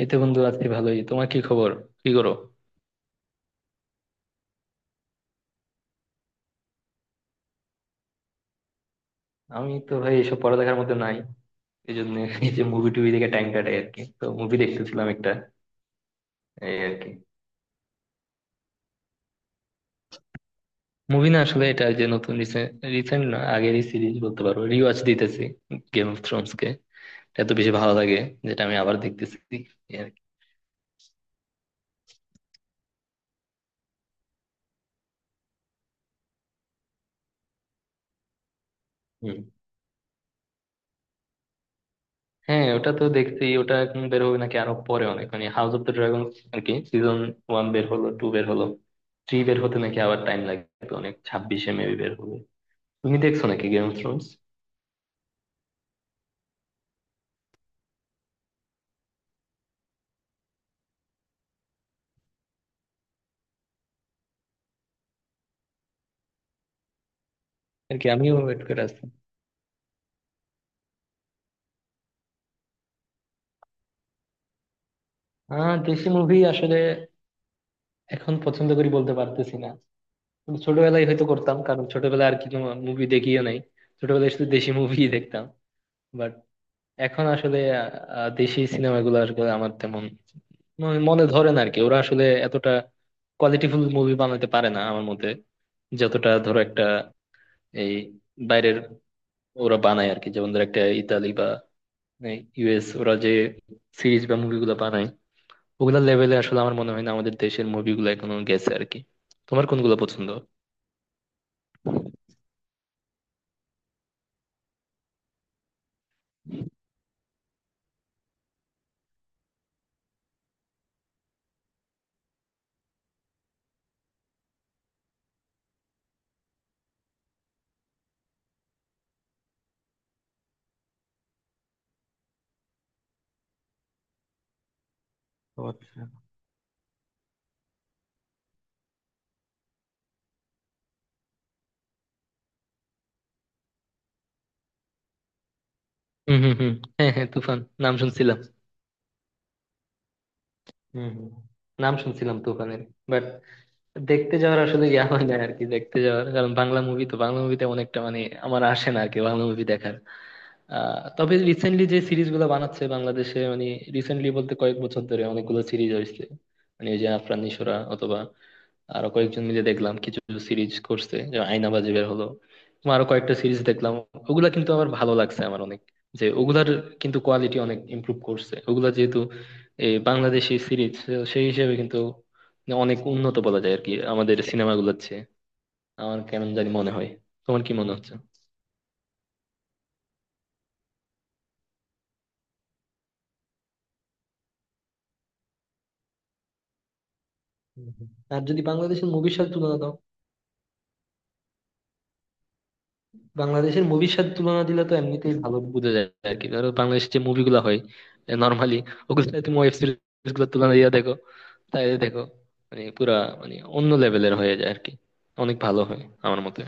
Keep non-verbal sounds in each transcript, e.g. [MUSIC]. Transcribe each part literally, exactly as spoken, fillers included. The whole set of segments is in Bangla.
এই তো বন্ধু, আছি ভালোই। তোমার কি খবর? কি করো? আমি তো ভাই এসব পড়ালেখার মধ্যে নাই, এই জন্য এই যে মুভি টুভি দেখে টাইম কাটাই আর কি। তো মুভি দেখতেছিলাম একটা, এই আর কি। মুভি না আসলে, এটা যে নতুন রিসেন্ট না, আগেরই সিরিজ বলতে পারো, রিওয়াচ দিতেছি। গেম অফ থ্রোনস কে এত বেশি ভালো লাগে, যেটা আমি আবার দেখতেছি, এই আর কি। হুম। হ্যাঁ ওটা তো দেখছি, ওটা এখন বের হবে নাকি আরো পরে অনেক, মানে হাউস অফ দ্য ড্রাগন আর কি। সিজন ওয়ান বের হলো, টু বের হলো, থ্রি বের হতে নাকি আবার টাইম লাগবে তো অনেক, ছাব্বিশে মেবি বের হবে। তুমি দেখছো নাকি গেম অফ থ্রোনস? আর কি আমিও ওয়েট করে আছি। আহ দেশি মুভি আসলে এখন পছন্দ করি বলতে পারতেছি না, কিন্তু ছোটবেলায় হয়তো করতাম, কারণ ছোটবেলায় আর কি কোনো মুভি দেখিও নাই, ছোটবেলায় শুধু দেশি মুভি দেখতাম। বাট এখন আসলে আহ, দেশি সিনেমাগুলো আসলে আমার তেমন মনে মনে ধরে না আর কি। ওরা আসলে এতটা কোয়ালিটিফুল মুভি বানাতে পারে না আমার মতে, যতটা ধরো একটা এই বাইরের ওরা বানায় আর কি। যেমন ধরো একটা ইতালি বা ইউএস, ওরা যে সিরিজ বা মুভিগুলো বানায়, ওগুলা লেভেলে আসলে আমার মনে হয় না আমাদের দেশের মুভিগুলো এখনো গেছে আর কি। তোমার কোনগুলো পছন্দ? তো আচ্ছা। হুম হুম হুম। হ্যাঁ হ্যাঁ তুফান, নাম শুনছিলাম। হুম হুম, নাম শুনছিলাম তুফানের। বাট দেখতে যাওয়ার আসলে ইয়া হয় না আর কি, দেখতে যাওয়ার। কারণ বাংলা মুভি তো, বাংলা মুভিতে অনেকটা মানে আমার আসে না আর কি বাংলা মুভি দেখার। আহ তবে রিসেন্টলি যে সিরিজ গুলো বানাচ্ছে বাংলাদেশে, মানে রিসেন্টলি বলতে কয়েক বছর ধরে অনেকগুলো সিরিজ হয়েছে। মানে ওই যে আফরান নিশোরা অথবা আরো কয়েকজন মিলে দেখলাম কিছু সিরিজ করছে, যে আয়নাবাজি বের হলো এবং আরো কয়েকটা সিরিজ দেখলাম। ওগুলা কিন্তু আমার ভালো লাগছে আমার অনেক, যে ওগুলার কিন্তু কোয়ালিটি অনেক ইমপ্রুভ করছে। ওগুলা যেহেতু এই বাংলাদেশি সিরিজ, সেই হিসেবে কিন্তু অনেক উন্নত বলা যায় আর কি আমাদের সিনেমাগুলোর চেয়ে, আমার কেমন জানি মনে হয়। তোমার কি মনে হচ্ছে? আর যদি বাংলাদেশের মুভির সাথে তুলনা দাও, বাংলাদেশের মুভির সাথে তুলনা দিলে তো এমনিতেই ভালো বোঝা যায় আর কি। ধরো বাংলাদেশের যে মুভিগুলো হয় নর্মালি, ওগুলো সাথে তুমি ওয়েব সিরিজ গুলো তুলনা দিয়ে দেখো, তাই দেখো, মানে পুরা মানে অন্য লেভেলের হয়ে যায় আর কি, অনেক ভালো হয় আমার মতে।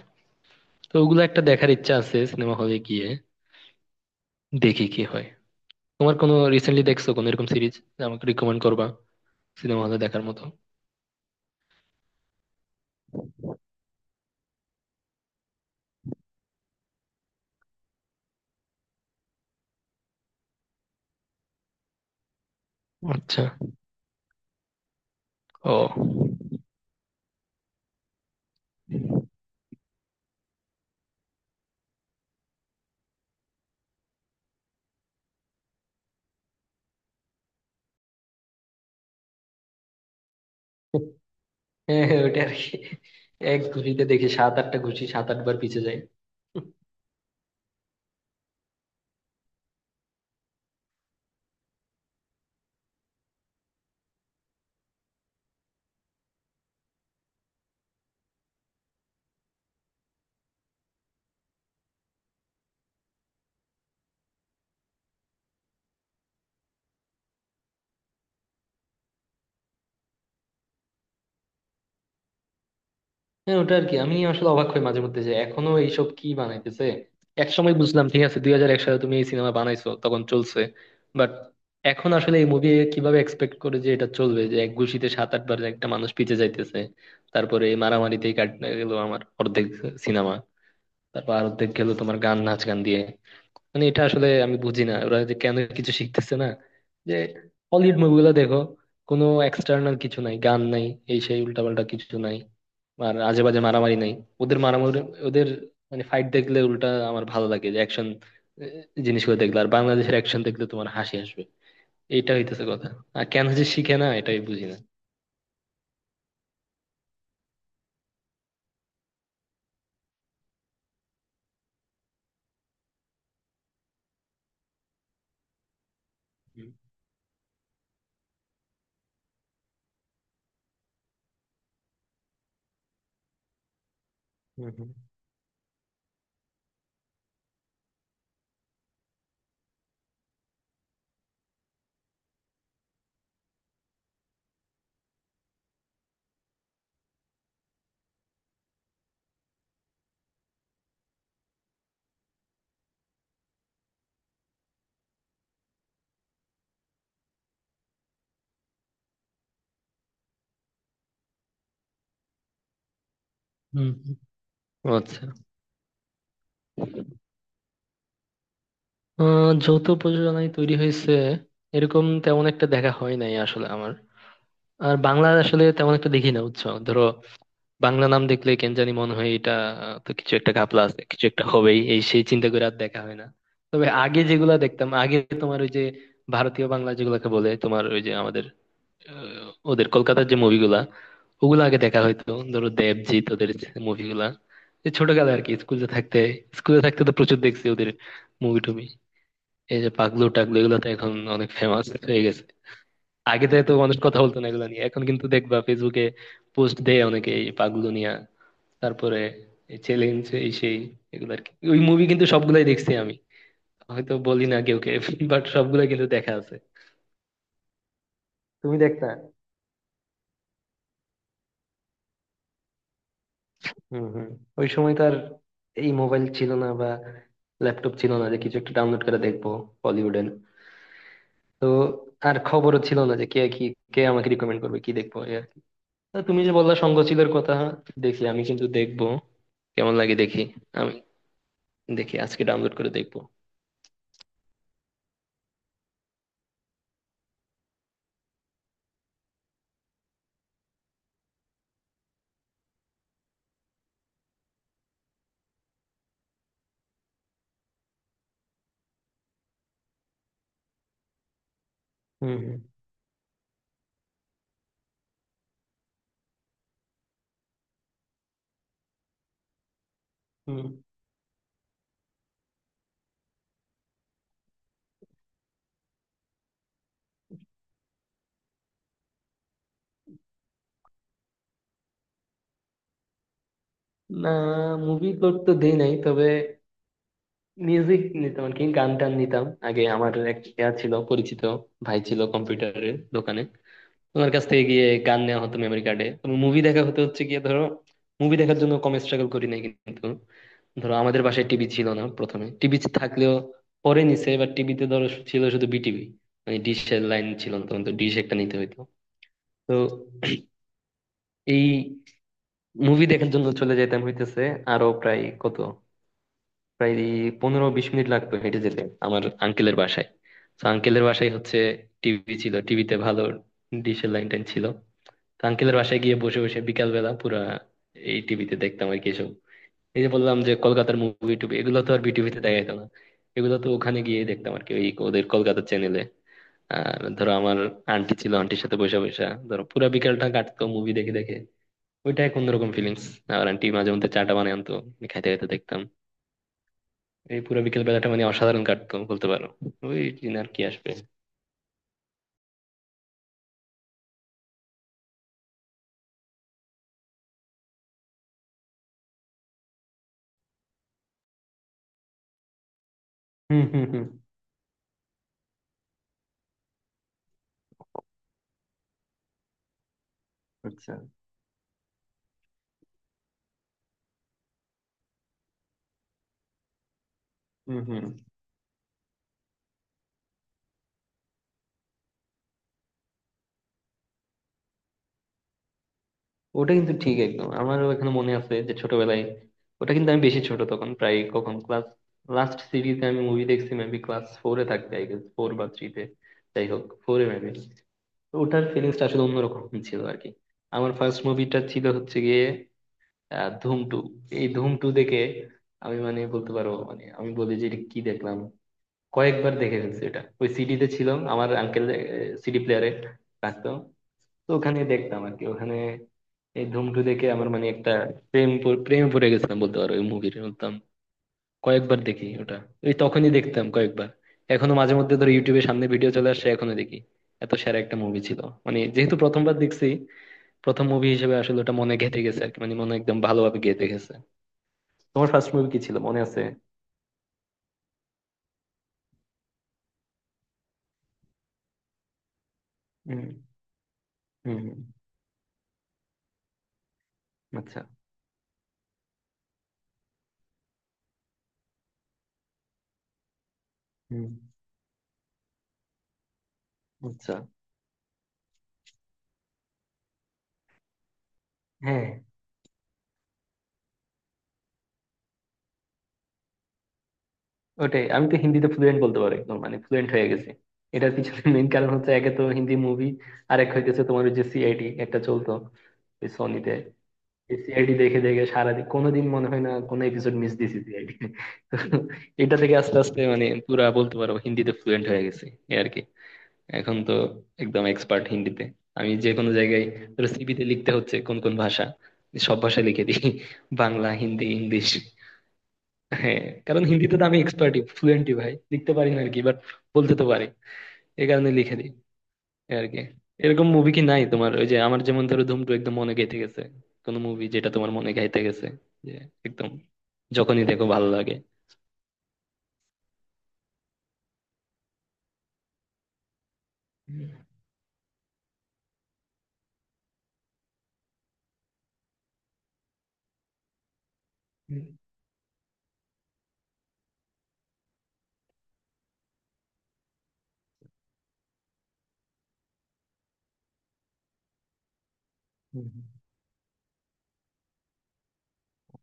তো ওগুলো একটা দেখার ইচ্ছা আছে সিনেমা হলে গিয়ে, দেখি কি হয়। তোমার কোনো রিসেন্টলি দেখছো কোনো এরকম সিরিজ, আমাকে রিকমেন্ড করবা সিনেমা হলে দেখার মতো? আচ্ছা। ও। হ্যাঁ হ্যাঁ ওটা আর কি, এক ঘুষিতে দেখি সাত আটটা ঘুষি, সাত আটবার পিছে যায়। হ্যাঁ ওটা আর কি। আমি আসলে অবাক হই মাঝে মধ্যে যে এখনো এইসব কি বানাইতেছে। এক সময় বুঝলাম, ঠিক আছে, দুই হাজার এক সালে তুমি এই সিনেমা বানাইছো তখন চলছে, বাট এখন আসলে এই মুভি কিভাবে এক্সপেক্ট করে যে এটা চলবে, যে এক গুষিতে সাত আট বার একটা মানুষ পিছে যাইতেছে। তারপরে এই মারামারিতেই কাটতে গেল আমার অর্ধেক সিনেমা, তারপর আর অর্ধেক গেল তোমার গান নাচ গান দিয়ে। মানে এটা আসলে আমি বুঝি না ওরা যে কেন কিছু শিখতেছে না। যে হলিউড মুভিগুলো দেখো, কোনো এক্সটার্নাল কিছু নাই, গান নাই, এই সেই উল্টাপাল্টা কিছু নাই, আর আজে বাজে মারামারি নাই। ওদের মারামারি, ওদের মানে ফাইট দেখলে উল্টা আমার ভালো লাগে, যে অ্যাকশন জিনিসগুলো দেখলে। আর বাংলাদেশের অ্যাকশন দেখলে তোমার হাসি আসবে, এইটা হইতেছে কথা। আর কেন যে শিখে না এটাই বুঝি না। হুম। হুম। হুম। হুম। হুম। আচ্ছা। আহ, যৌথ প্রযোজনায় তৈরি হয়েছে এরকম তেমন একটা দেখা হয় নাই আসলে আমার। আর বাংলা আসলে তেমন একটা দেখি না, বুঝছো। ধরো বাংলা নাম দেখলে কেন জানি মনে হয় এটা আহ, তো কিছু একটা ঘাপলা আছে, কিছু একটা হবেই এই সেই, চিন্তা করে আর দেখা হয় না। তবে আগে যেগুলা দেখতাম আগে, তোমার ওই যে ভারতীয় বাংলা যেগুলাকে বলে, তোমার ওই যে আমাদের আহ, ওদের কলকাতার যে মুভিগুলা, ওগুলো আগে দেখা হয়তো, ধরো দেবজিৎ ওদের মুভিগুলা, ছোটকালে আর কি, স্কুলে থাকতে। স্কুলে থাকতে তো প্রচুর দেখছি ওদের মুভি টুভি। এই যে পাগলু টাগলু, এগুলো তো এখন অনেক ফেমাস হয়ে গেছে, আগে তো এত মানুষ কথা বলতো না এগুলো নিয়ে, এখন কিন্তু দেখবা ফেসবুকে পোস্ট দেয় অনেকে এই পাগগুলো নিয়ে। তারপরে এই চ্যালেঞ্জ এই সেই, এগুলো আর কি। ওই মুভি কিন্তু সবগুলাই দেখছি আমি, হয়তো বলি না কেউ কে, বাট সবগুলাই কিন্তু দেখা আছে। তুমি দেখতা? হম হম। ওই সময় তো আর এই মোবাইল ছিল না বা ল্যাপটপ ছিল না, যে কিছু একটা ডাউনলোড করে দেখবো বলিউডের। তো আর খবরও ছিল না যে কে কি, কে আমাকে রিকমেন্ড করবে কি দেখবো, এই আর কি। তো তুমি যে বললা, সঙ্গ ছিল কথা, দেখি, আমি কিন্তু দেখবো, কেমন লাগে দেখি। আমি দেখি আজকে ডাউনলোড করে দেখবো। হুম হুম। হুম। না, মুভি লোড তো দেই নাই, তবে মিউজিক নিতাম আর কি, গান টান নিতাম আগে। আমার এক ইয়া ছিল পরিচিত, ভাই ছিল কম্পিউটারের দোকানে, ওনার কাছ থেকে গিয়ে গান নেওয়া হতো মেমোরি কার্ডে। তবে মুভি দেখা হতে হচ্ছে গিয়ে ধরো, মুভি দেখার জন্য কম স্ট্রাগল করি নাই কিন্তু। ধরো আমাদের বাসায় টিভি ছিল না প্রথমে, টিভি থাকলেও পরে নিছে, এবার টিভিতে ধরো ছিল শুধু বিটিভি, মানে ডিশের লাইন ছিল না তখন, তো ডিশ একটা নিতে হইতো। তো এই মুভি দেখার জন্য চলে যেতাম হইতেছে, আরো প্রায় কত, প্রায় পনেরো বিশ মিনিট লাগতো হেঁটে যেতে আমার আঙ্কেলের বাসায়। তো আঙ্কেলের বাসায় হচ্ছে টিভি ছিল, টিভিতে ভালো ডিশের লাইন টাইন ছিল। তো আঙ্কেলের বাসায় গিয়ে বসে বসে বিকাল বেলা পুরা এই টিভিতে দেখতাম আর কি এসব। এই যে বললাম যে কলকাতার মুভি টুভি, এগুলো তো আর বিটিভিতে দেখা যেত না, এগুলো তো ওখানে গিয়ে দেখতাম আর কি, ওই ওদের কলকাতার চ্যানেলে। আর ধরো আমার আন্টি ছিল, আন্টির সাথে বসে বসে ধরো পুরা বিকালটা কাটতো মুভি দেখে দেখে, ওইটা এক অন্যরকম ফিলিংস। আর আন্টি মাঝে মধ্যে চাটা বানিয়ে আনতো, আমি খাইতে খাইতে দেখতাম। এই পুরো বিকেল বেলাটা মানে অসাধারণ কাটতো বলতে পারো, ওই দিন আর কি আসবে। হুম হুম হুম। আচ্ছা। হুম হুম। ওটা কিন্তু ঠিক একদম, আমারও এখানে মনে আছে যে ছোটবেলায়। ওটা কিন্তু আমি বেশি ছোট তখন, প্রায় কখন ক্লাস লাস্ট সিরিজে আমি মুভি দেখছি মেবি ক্লাস ফোরে থাকতে, আই গেস ফোর বা থ্রিতে, যাই হোক ফোরে মেবি। ওটার ফিলিংসটা আসলে অন্যরকম ছিল আর কি। আমার ফার্স্ট মুভিটা ছিল হচ্ছে গিয়ে আহ, ধুম টু। এই ধুম টু দেখে আমি মানে বলতে পারো মানে আমি বলি যে এটা কি দেখলাম, কয়েকবার দেখে ফেলছি এটা। ওই সিডিতে ছিল, আমার আঙ্কেল সিডি প্লেয়ারে রাখতো, তো ওখানে দেখতাম আর কি ওখানে। এই ধুম টু দেখে আমার মানে একটা প্রেম প- প্রেমে পড়ে গেছিলাম বলতে পারো ওই মুভির, বলতাম কয়েকবার দেখি ওটা, ওই তখনই দেখতাম কয়েকবার। এখনো মাঝে মধ্যে ধরো ইউটিউবে সামনে ভিডিও চলে আসছে এখনো দেখি, এত সেরা একটা মুভি ছিল। মানে যেহেতু প্রথমবার দেখছি, প্রথম মুভি হিসেবে আসলে ওটা মনে গেঁথে গেছে আর কি, মানে মনে একদম ভালোভাবে গেঁথে গেছে। তোমার ফার্স্ট মুভি কি ছিল মনে আছে? হুম হুম। হুম, আচ্ছা। হুম। আচ্ছা। হ্যাঁ। ওটাই, আমি তো হিন্দিতে ফ্লুয়েন্ট বলতে পারি একদম, মানে ফ্লুয়েন্ট হয়ে গেছি। এটার পিছনে মেইন কারণ হচ্ছে একে তো হিন্দি মুভি, আর এক হইতেছে তোমার ওই যে সিআইডি একটা চলতো এই সনিতে, সিআইডি দেখে দেখে সারাদিন। কোনোদিন মনে হয় না কোনো এপিসোড মিস দিছি সিআইডি। [LAUGHS] এটা থেকে আস্তে আস্তে মানে পুরা বলতে পারো হিন্দিতে ফ্লুয়েন্ট হয়ে গেছি, এই আর কি। এখন তো একদম এক্সপার্ট হিন্দিতে। আমি যে কোনো জায়গায় ধরো সিভিতে লিখতে হচ্ছে কোন কোন ভাষা, সব ভাষা লিখে দিই, বাংলা হিন্দি ইংলিশ। হ্যাঁ, কারণ হিন্দিতে তো আমি এক্সপার্টই, ফ্লুয়েন্টই ভাই, লিখতে পারি না আর কি বাট, বলতে তো পারি, এই কারণে লিখে দিই, এই আর কি। এরকম মুভি কি নাই তোমার, ওই যে আমার যেমন ধরো ধুম টু একদম মনে গেঁথে গেছে, কোন মুভি যেটা তোমার মনে গাইতে গেছে, যে একদম যখনই দেখো ভালো লাগে? হুম, হুম, হুম। হুম।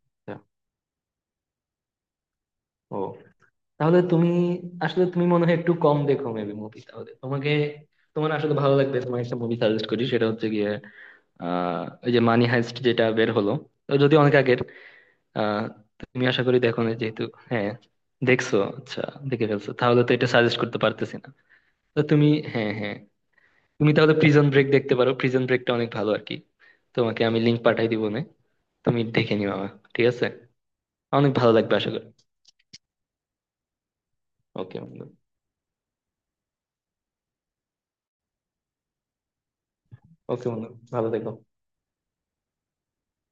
আচ্ছা। ও তাহলে তুমি আসলে, তুমি মনে হয় একটু কম দেখো মেবি মুভি, তাহলে তোমাকে, তোমার আসলে ভালো লাগবে, তোমার একটা মুভি সাজেস্ট করি, সেটা হচ্ছে গিয়ে আহ ওই যে মানি হাইস্ট যেটা বের হলো, তো যদি অনেক আগের, আহ তুমি আশা করি দেখো না যেহেতু। হ্যাঁ। দেখছো, আচ্ছা। দেখে ফেলছো, তাহলে তো এটা সাজেস্ট করতে পারতেছি না। তো তুমি, হ্যাঁ হ্যাঁ, তুমি তাহলে প্রিজন ব্রেক দেখতে পারো, প্রিজন ব্রেকটা অনেক ভালো আর কি। তোমাকে আমি লিঙ্ক পাঠাই দিব না, তুমি দেখে নিও আমার, ঠিক আছে? অনেক ভালো লাগবে আশা করি। ওকে বন্ধু। ওকে বন্ধু, ভালো থেকো।